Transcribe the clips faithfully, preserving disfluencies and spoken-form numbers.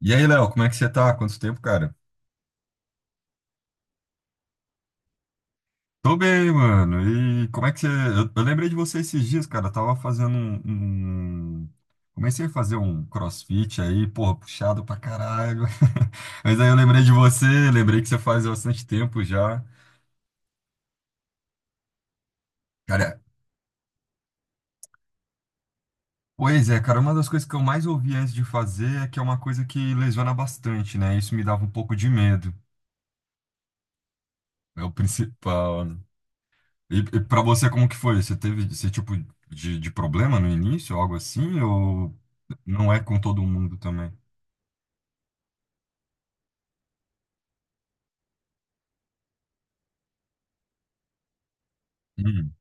E aí, Léo, como é que você tá? Quanto tempo, cara? Tô bem, mano. E como é que você. Eu, eu lembrei de você esses dias, cara. Eu tava fazendo um, um- Comecei a fazer um CrossFit aí, porra, puxado pra caralho. Mas aí eu lembrei de você, lembrei que você faz bastante tempo já. Cara, pois é, cara, uma das coisas que eu mais ouvi antes de fazer é que é uma coisa que lesiona bastante, né? Isso me dava um pouco de medo. É o principal, né? E, e para você, como que foi? Você teve esse tipo de, de problema no início, algo assim? Ou não é com todo mundo também? Hum,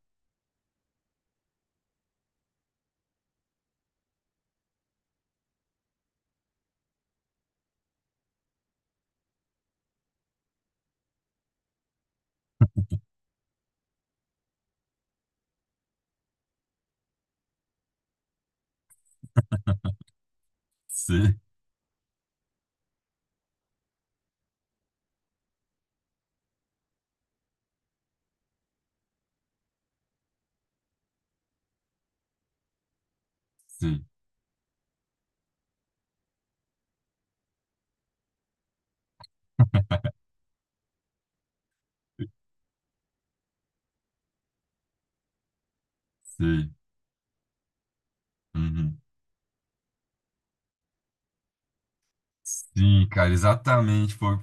sei, sei, sei. Uhum. Sim, cara, exatamente. Foi,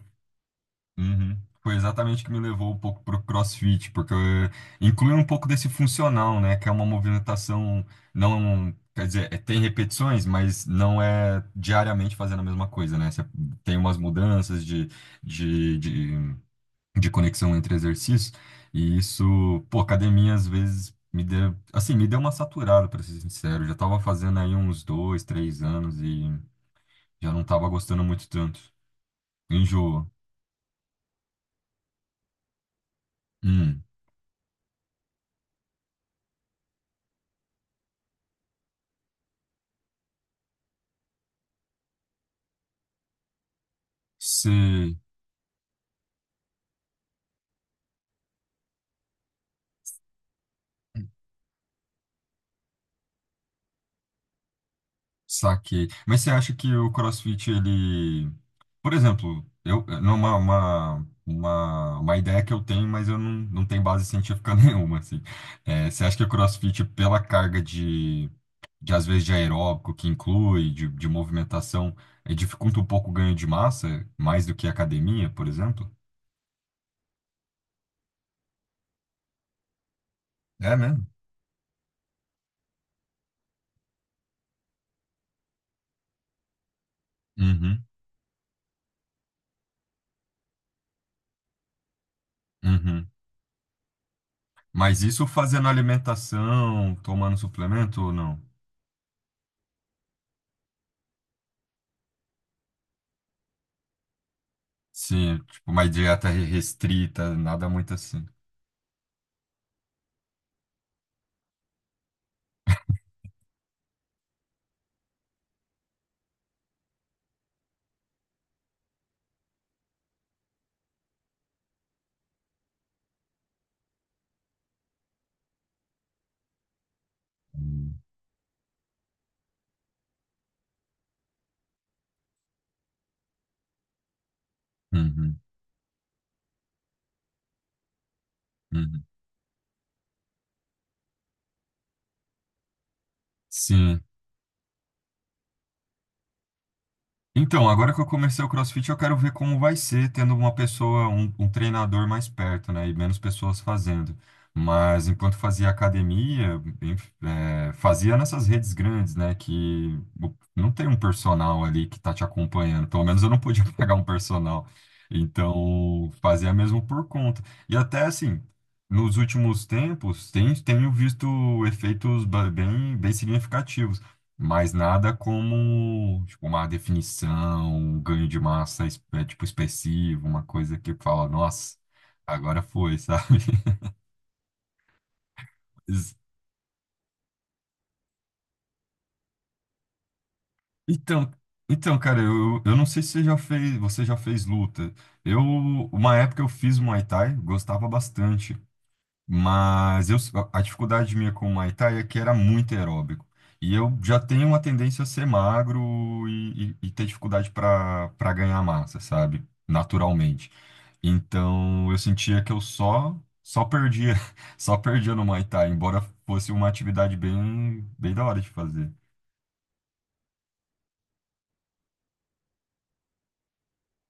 uhum. Foi exatamente o que me levou um pouco pro CrossFit, porque eh, inclui um pouco desse funcional, né? Que é uma movimentação, não, quer dizer, eh, tem repetições, mas não é diariamente fazendo a mesma coisa, né? Você tem umas mudanças de, de, de de conexão entre exercícios, e isso, pô, academia às vezes me deu, assim, me deu uma saturada, para ser sincero. Eu já tava fazendo aí uns dois, três anos e já não tava gostando muito tanto. Enjoa. Hum, sei, saquei. Mas você acha que o CrossFit, ele, por exemplo, eu, numa, uma, uma, uma ideia que eu tenho, mas eu não, não tenho base científica nenhuma, assim. É, você acha que o CrossFit, pela carga de de às vezes de aeróbico que inclui, de, de movimentação, eh, dificulta um pouco o ganho de massa, mais do que a academia, por exemplo? É mesmo? Uhum, uhum. Mas isso fazendo alimentação, tomando suplemento ou não? Sim, tipo, uma dieta re- restrita, nada muito assim. Uhum, uhum. Sim. Então, agora que eu comecei o CrossFit, eu quero ver como vai ser tendo uma pessoa, um, um treinador mais perto, né? E menos pessoas fazendo. Mas enquanto fazia academia, enf- é, fazia nessas redes grandes, né? Que o- não tem um personal ali que tá te acompanhando. Pelo menos eu não podia pagar um personal. Então, fazia mesmo por conta. E até assim, nos últimos tempos, tem, tenho visto efeitos ba- bem, bem significativos. Mas nada como, tipo, uma definição, um ganho de massa, es- é, tipo, expressivo, uma coisa que fala, nossa, agora foi, sabe? Ex- Então, então, cara, eu, eu não sei se você já fez, você já fez luta. Eu, uma época eu fiz Muay Thai, gostava bastante. Mas eu, a dificuldade minha com o Muay Thai é que era muito aeróbico. E eu já tenho uma tendência a ser magro e, e- e ter dificuldade para para ganhar massa, sabe? Naturalmente. Então eu sentia que eu só só perdia, só perdia no Muay Thai, embora fosse uma atividade bem bem da hora de fazer.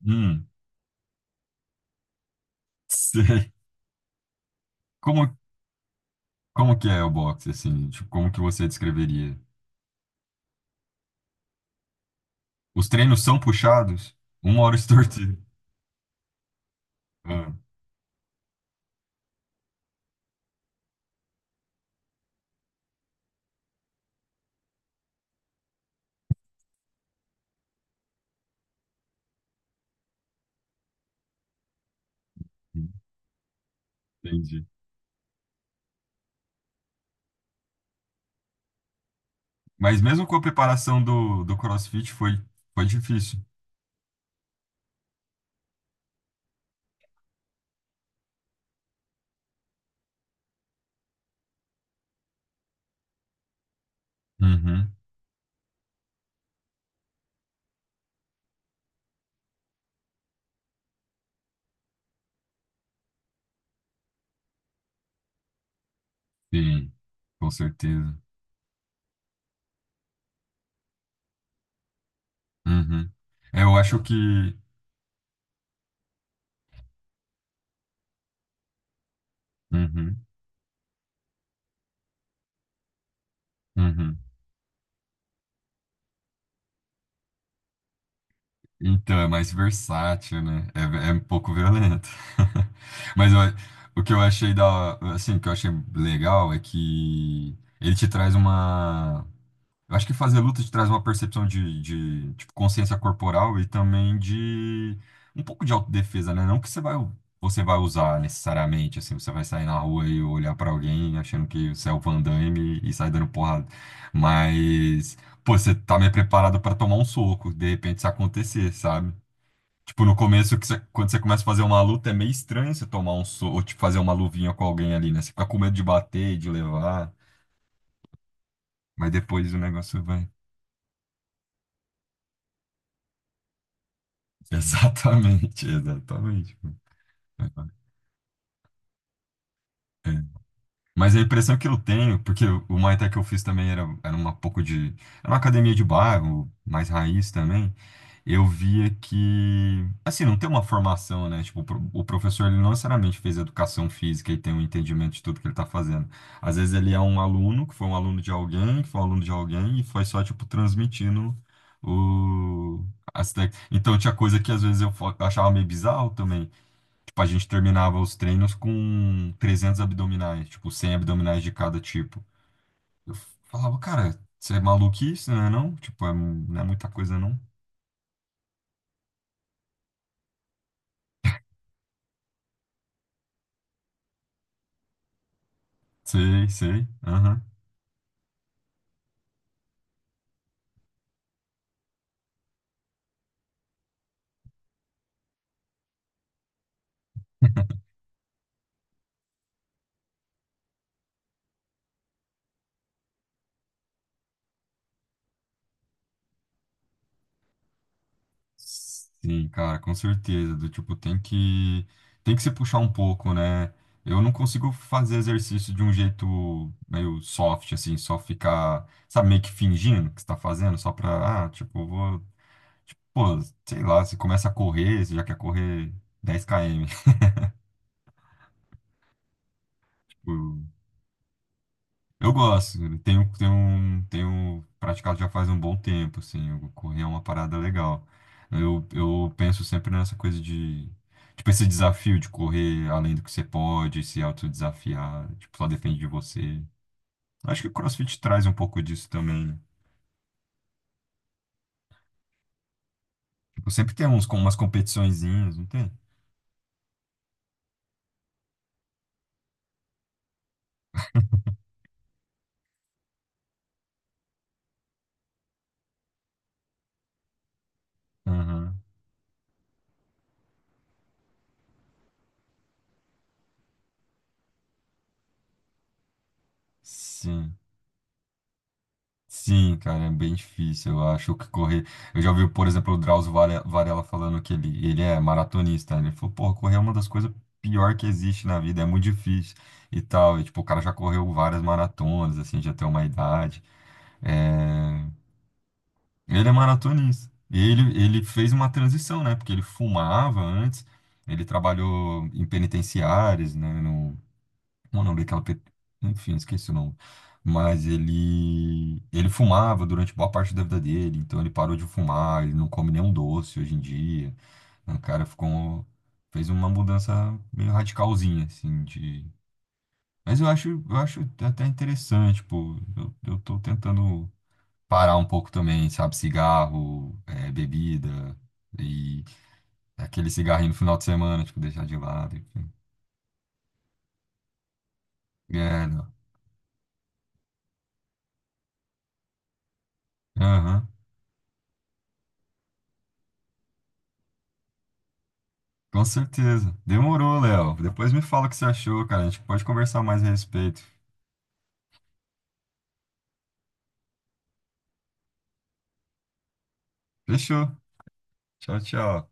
Hum, sei. Como como que é o boxe assim? Tipo, como que você descreveria? Os treinos são puxados? Uma hora estorte. Ah, entendi. Mas mesmo com a preparação do, do CrossFit foi, foi difícil. Uhum, sim, com certeza. Uhum. É, eu acho que. Uhum, uhum. Então, é mais versátil, né? É, é um pouco violento. Mas eu- o que eu achei da, assim, o que eu achei legal é que ele te traz uma, eu acho que fazer luta te traz uma percepção de, de, tipo, consciência corporal e também de um pouco de autodefesa, né? Não que você vai, você vai usar necessariamente, assim, você vai sair na rua e olhar pra alguém achando que você é o Van Damme e sair dando porrada. Mas, pô, você tá meio preparado pra tomar um soco, de repente se acontecer, sabe? Tipo, no começo, que você- quando você começa a fazer uma luta, é meio estranho você tomar um soco, ou tipo, fazer uma luvinha com alguém ali, né? Você fica com medo de bater, de levar, mas depois o negócio vai. Exatamente, exatamente. É. Mas a impressão que eu tenho, porque o o Muay Thai que eu fiz também era, era uma pouco de. Era uma academia de bairro, mais raiz também. Eu via que. Assim, não tem uma formação, né? Tipo, o pro- o professor ele não necessariamente fez educação física e tem um entendimento de tudo que ele tá fazendo. Às vezes ele é um aluno, que foi um aluno de alguém, que foi um aluno de alguém, e foi só, tipo, transmitindo o. as tec- Então tinha coisa que às vezes eu fo- achava meio bizarro também. Tipo, a gente terminava os treinos com trezentos abdominais, tipo, cem abdominais de cada tipo. Eu falava, cara, você é maluquice, né, não? Tipo, é, não é muita coisa, não. Sei, sei, aham. Sim, cara, com certeza. Do tipo, tem que tem que se puxar um pouco, né? Eu não consigo fazer exercício de um jeito meio soft, assim, só ficar, sabe, meio que fingindo que está fazendo, só pra, ah, tipo, vou. Pô, sei lá, você começa a correr, você já quer correr dez quilômetros. Tipo, eu gosto, eu tenho, tenho, tenho praticado já faz um bom tempo, assim, eu- correr é uma parada legal. Eu, eu penso sempre nessa coisa de, tipo, esse desafio de correr além do que você pode, se autodesafiar, tipo, só depende de você. Acho que o CrossFit traz um pouco disso também, né? Tipo, sempre tem uns, com umas competiçõezinhas, não tem? Aham, sim. Sim, cara, é bem difícil. Eu acho que correr. Eu já ouvi, por exemplo, o Drauzio Vare- Varela falando que ele, ele é maratonista. Né? Ele falou, pô, correr é uma das coisas pior que existe na vida, é muito difícil e tal. E, tipo, o cara já correu várias maratonas, assim, já tem uma idade. É, ele é maratonista. E ele, ele fez uma transição, né? Porque ele fumava antes, ele trabalhou em penitenciárias, né? O nome daquela, pe- enfim, esqueci o nome. Mas ele, ele fumava durante boa parte da vida dele, então ele parou de fumar, ele não come nenhum doce hoje em dia. Né? O cara ficou, fez uma mudança meio radicalzinha, assim, de... Mas eu acho, eu acho até interessante, tipo, eu, eu tô tentando parar um pouco também, sabe, cigarro, eh, bebida e aquele cigarrinho no final de semana, tipo, deixar de lado, enfim. É, não. Aham. Com certeza. Demorou, Léo. Depois me fala o que você achou, cara. A gente pode conversar mais a respeito. Fechou. Tchau, tchau.